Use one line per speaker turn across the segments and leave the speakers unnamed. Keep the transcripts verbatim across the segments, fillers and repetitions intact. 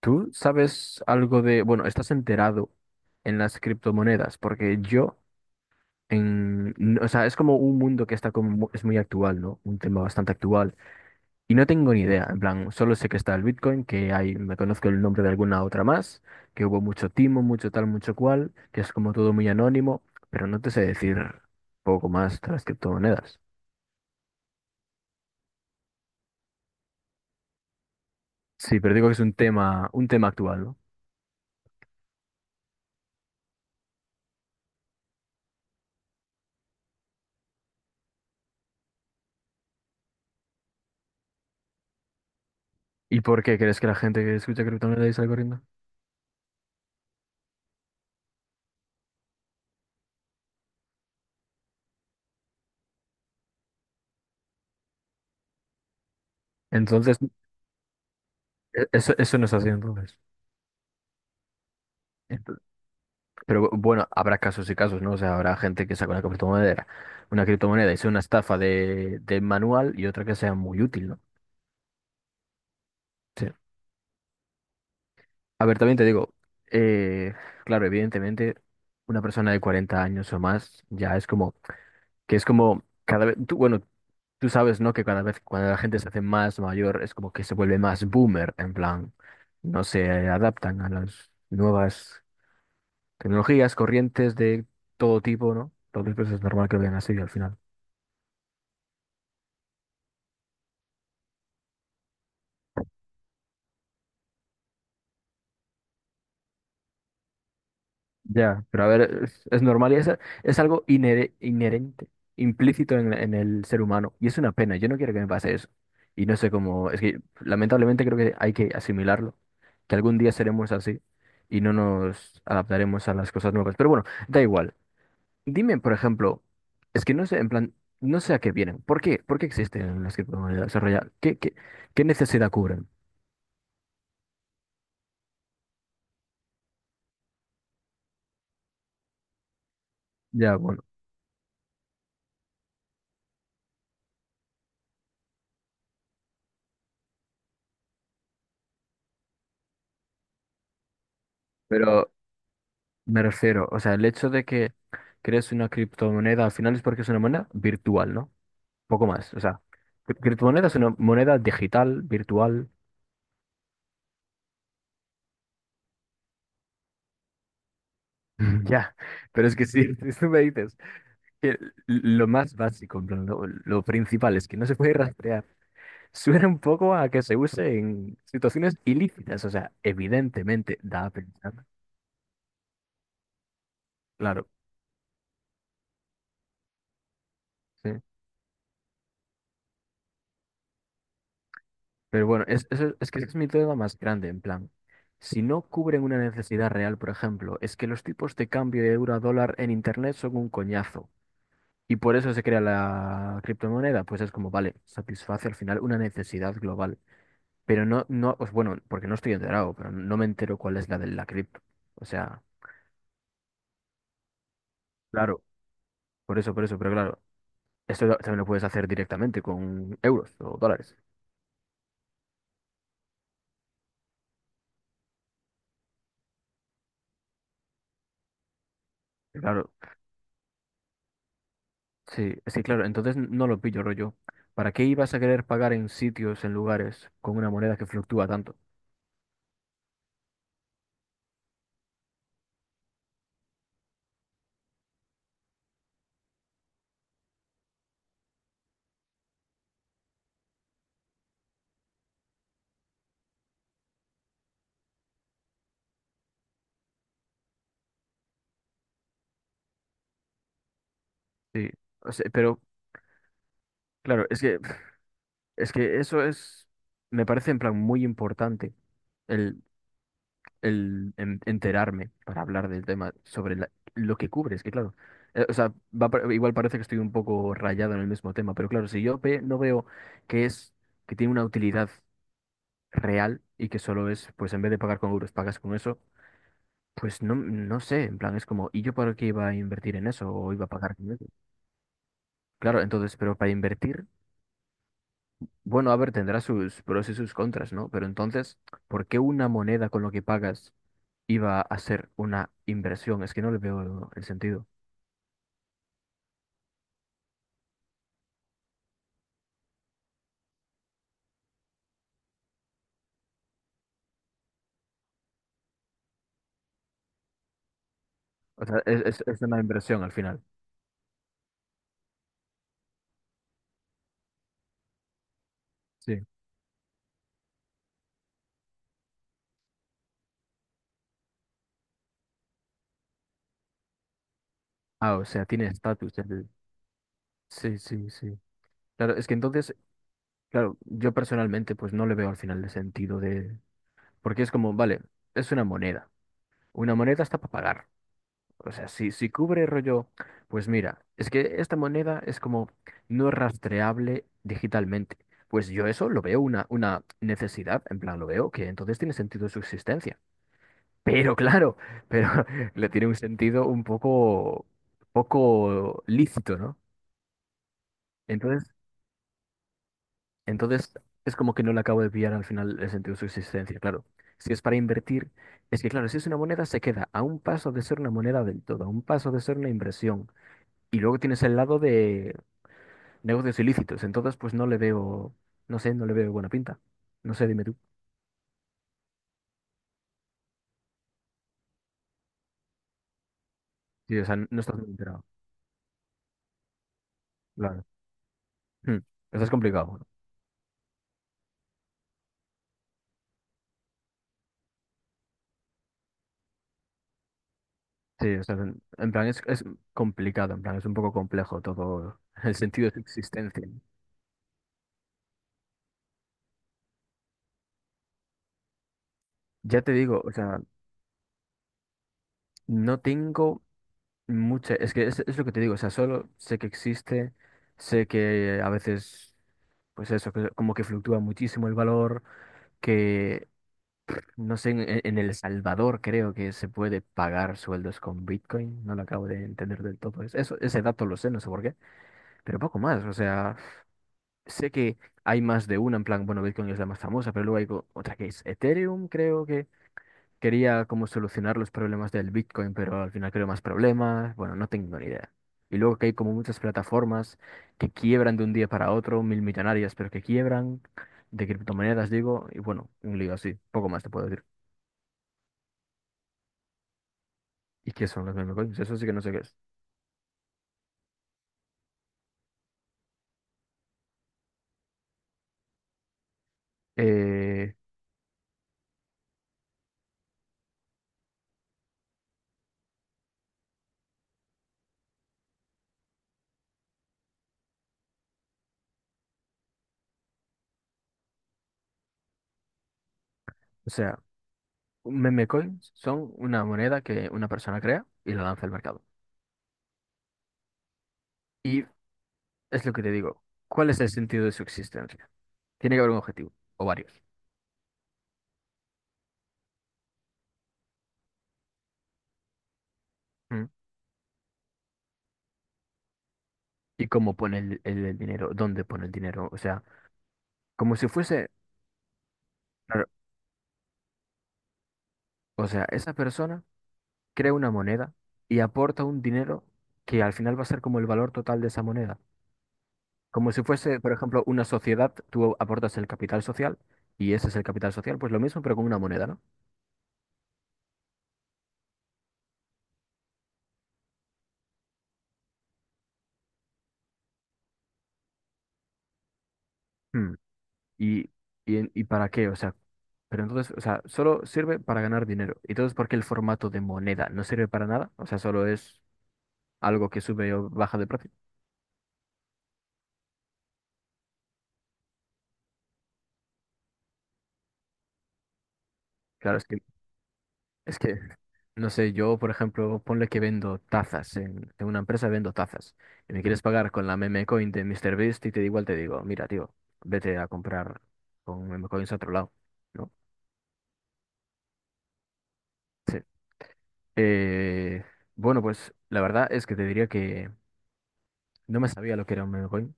¿Tú sabes algo de, bueno, estás enterado en las criptomonedas? Porque yo, en, n- o sea, es como un mundo que está como, mu- es muy actual, ¿no? Un tema bastante actual. Y no tengo ni idea, en plan, solo sé que está el Bitcoin, que hay, me conozco el nombre de alguna otra más, que hubo mucho timo, mucho tal, mucho cual, que es como todo muy anónimo, pero no te sé decir poco más de las criptomonedas. Sí, pero digo que es un tema, un tema actual, ¿no? ¿Y por qué crees que la gente que escucha criptomonedas es algo corriendo? Entonces, E- eso, eso no es así entonces. Ento- Pero bueno, habrá casos y casos, ¿no? O sea, habrá gente que saca una criptomoneda, una criptomoneda y sea una estafa de, de manual y otra que sea muy útil, ¿no? Sí. A ver, también te digo, eh, claro, evidentemente, una persona de cuarenta años o más ya es como, que es como cada vez, tú, bueno, tú sabes, ¿no? Que cada vez cuando la gente se hace más mayor es como que se vuelve más boomer, en plan, no se adaptan a las nuevas tecnologías, corrientes de todo tipo, ¿no? Entonces, pues es normal que lo vean así al final. Ya, pero a ver, es, es normal y es, es algo inhere- inherente, implícito en, en el ser humano. Y es una pena, yo no quiero que me pase eso. Y no sé cómo, es que lamentablemente creo que hay que asimilarlo, que algún día seremos así y no nos adaptaremos a las cosas nuevas. Pero bueno, da igual. Dime, por ejemplo, es que no sé, en plan, no sé a qué vienen. ¿Por qué? ¿Por qué existen las criptomonedas? O sea, ya, ¿qué, qué, qué necesidad cubren? Ya, bueno. Pero me refiero, o sea, el hecho de que crees una criptomoneda al final es porque es una moneda virtual, ¿no? Poco más, o sea, cri- criptomoneda es una moneda digital, virtual, ya. Pero es que si tú me dices que lo más básico, en plan, lo, lo principal es que no se puede rastrear, suena un poco a que se use en situaciones ilícitas, o sea, evidentemente da a pensar, claro, sí. Pero bueno, es, es, es que ese es mi duda más grande, en plan. Si no cubren una necesidad real, por ejemplo, es que los tipos de cambio de euro a dólar en internet son un coñazo. Y por eso se crea la criptomoneda, pues es como, vale, satisface al final una necesidad global. Pero no, no, pues bueno, porque no estoy enterado, pero no me entero cuál es la de la cripto. O sea, claro, por eso, por eso, pero claro, esto lo- también lo puedes hacer directamente con euros o dólares. Claro, sí, sí, claro, entonces no lo pillo, rollo. ¿Para qué ibas a querer pagar en sitios, en lugares, con una moneda que fluctúa tanto? Sí, o sea, pero claro, es que, es que eso es, me parece en plan muy importante el, el en- enterarme para hablar del tema sobre la- lo que cubre. Es que claro, eh, o sea, va pa- igual parece que estoy un poco rayado en el mismo tema, pero claro, si yo ve- no veo que es, que tiene una utilidad real y que solo es, pues en vez de pagar con euros, pagas con eso. Pues no, no sé, en plan, es como, ¿y yo para qué iba a invertir en eso o iba a pagar con eso? Claro, entonces, pero para invertir, bueno, a ver, tendrá sus pros y sus contras, ¿no? Pero entonces, ¿por qué una moneda con lo que pagas iba a ser una inversión? Es que no le veo el sentido. O sea, es, es- es una inversión al final. Sí. Ah, o sea, tiene estatus. el- Sí, sí, sí. Claro, es que entonces, claro, yo personalmente, pues no le veo al final el sentido de... Porque es como, vale, es una moneda. Una moneda está para pagar. O sea, si, si cubre rollo, pues mira, es que esta moneda es como no es rastreable digitalmente. Pues yo eso lo veo una, una necesidad, en plan lo veo, que entonces tiene sentido su existencia. Pero claro, pero le tiene un sentido un poco, poco lícito, ¿no? Entonces, entonces es como que no le acabo de pillar al final el sentido de su existencia, claro. Si es para invertir, es que claro, si es una moneda se queda a un paso de ser una moneda del todo, a un paso de ser una inversión. Y luego tienes el lado de negocios ilícitos. Entonces, pues no le veo, no sé, no le veo buena pinta. No sé, dime tú. Sí, o sea, n- no estás muy enterado. Claro. Hmm. Eso es complicado. Bueno, sí, o sea, en, en plan es, es complicado, en plan es un poco complejo todo el sentido de su existencia. Ya te digo, o sea, no tengo mucha, es que es, es lo que te digo, o sea, solo sé que existe, sé que a veces, pues eso, que como que fluctúa muchísimo el valor, que no sé, en, e, en- El Salvador creo que se puede pagar sueldos con Bitcoin. No lo acabo de entender del todo. Es- Eso, ese dato lo sé, no sé por qué. Pero poco más. O sea, sé que hay más de una. En plan, bueno, Bitcoin es la más famosa, pero luego hay co- otra que es Ethereum. Creo que quería como solucionar los problemas del Bitcoin, pero al final creo más problemas. Bueno, no tengo ni idea. Y luego que hay como muchas plataformas que quiebran de un día para otro, mil millonarias, pero que quiebran de criptomonedas, digo. Y bueno, un lío así. Poco más te puedo decir. ¿Y qué son los meme coins? Eso sí que no sé qué es. Eh, o sea, un meme coins son una moneda que una persona crea y la lanza al mercado. Y es lo que te digo. ¿Cuál es el sentido de su existencia? Tiene que haber un objetivo, o varios. ¿Mm? ¿Y cómo pone el, el- el dinero? ¿Dónde pone el dinero? O sea, como si fuese... claro, o sea, esa persona crea una moneda y aporta un dinero que al final va a ser como el valor total de esa moneda. Como si fuese, por ejemplo, una sociedad, tú aportas el capital social y ese es el capital social, pues lo mismo, pero con una moneda, ¿no? Hmm, ¿y, y, en- y para qué? O sea, pero entonces, o sea, solo sirve para ganar dinero. ¿Y entonces por qué el formato de moneda no sirve para nada? O sea, solo es algo que sube o baja de precio. Claro, es que, es que, no sé, yo, por ejemplo, ponle que vendo tazas, en, en una empresa vendo tazas, y me quieres pagar con la meme coin de MrBeast y te digo, igual te digo, mira, tío, vete a comprar con meme coins a otro lado. ¿No? Sí. Eh, bueno, pues la verdad es que te diría que no me sabía lo que era un meme coin.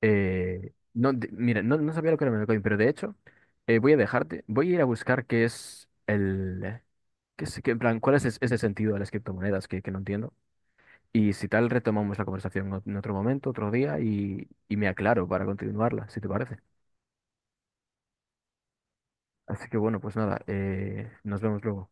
Eh, no, de- mira, no, no sabía lo que era un meme coin, pero de hecho eh, voy a dejarte, voy a ir a buscar qué es el... qué es- qué- en plan, cuál es es- ese sentido de las criptomonedas que, que no entiendo. Y si tal, retomamos la conversación o- en otro momento, otro día, y, y me aclaro para continuarla, si te parece. Así que bueno, pues nada, eh, nos vemos luego.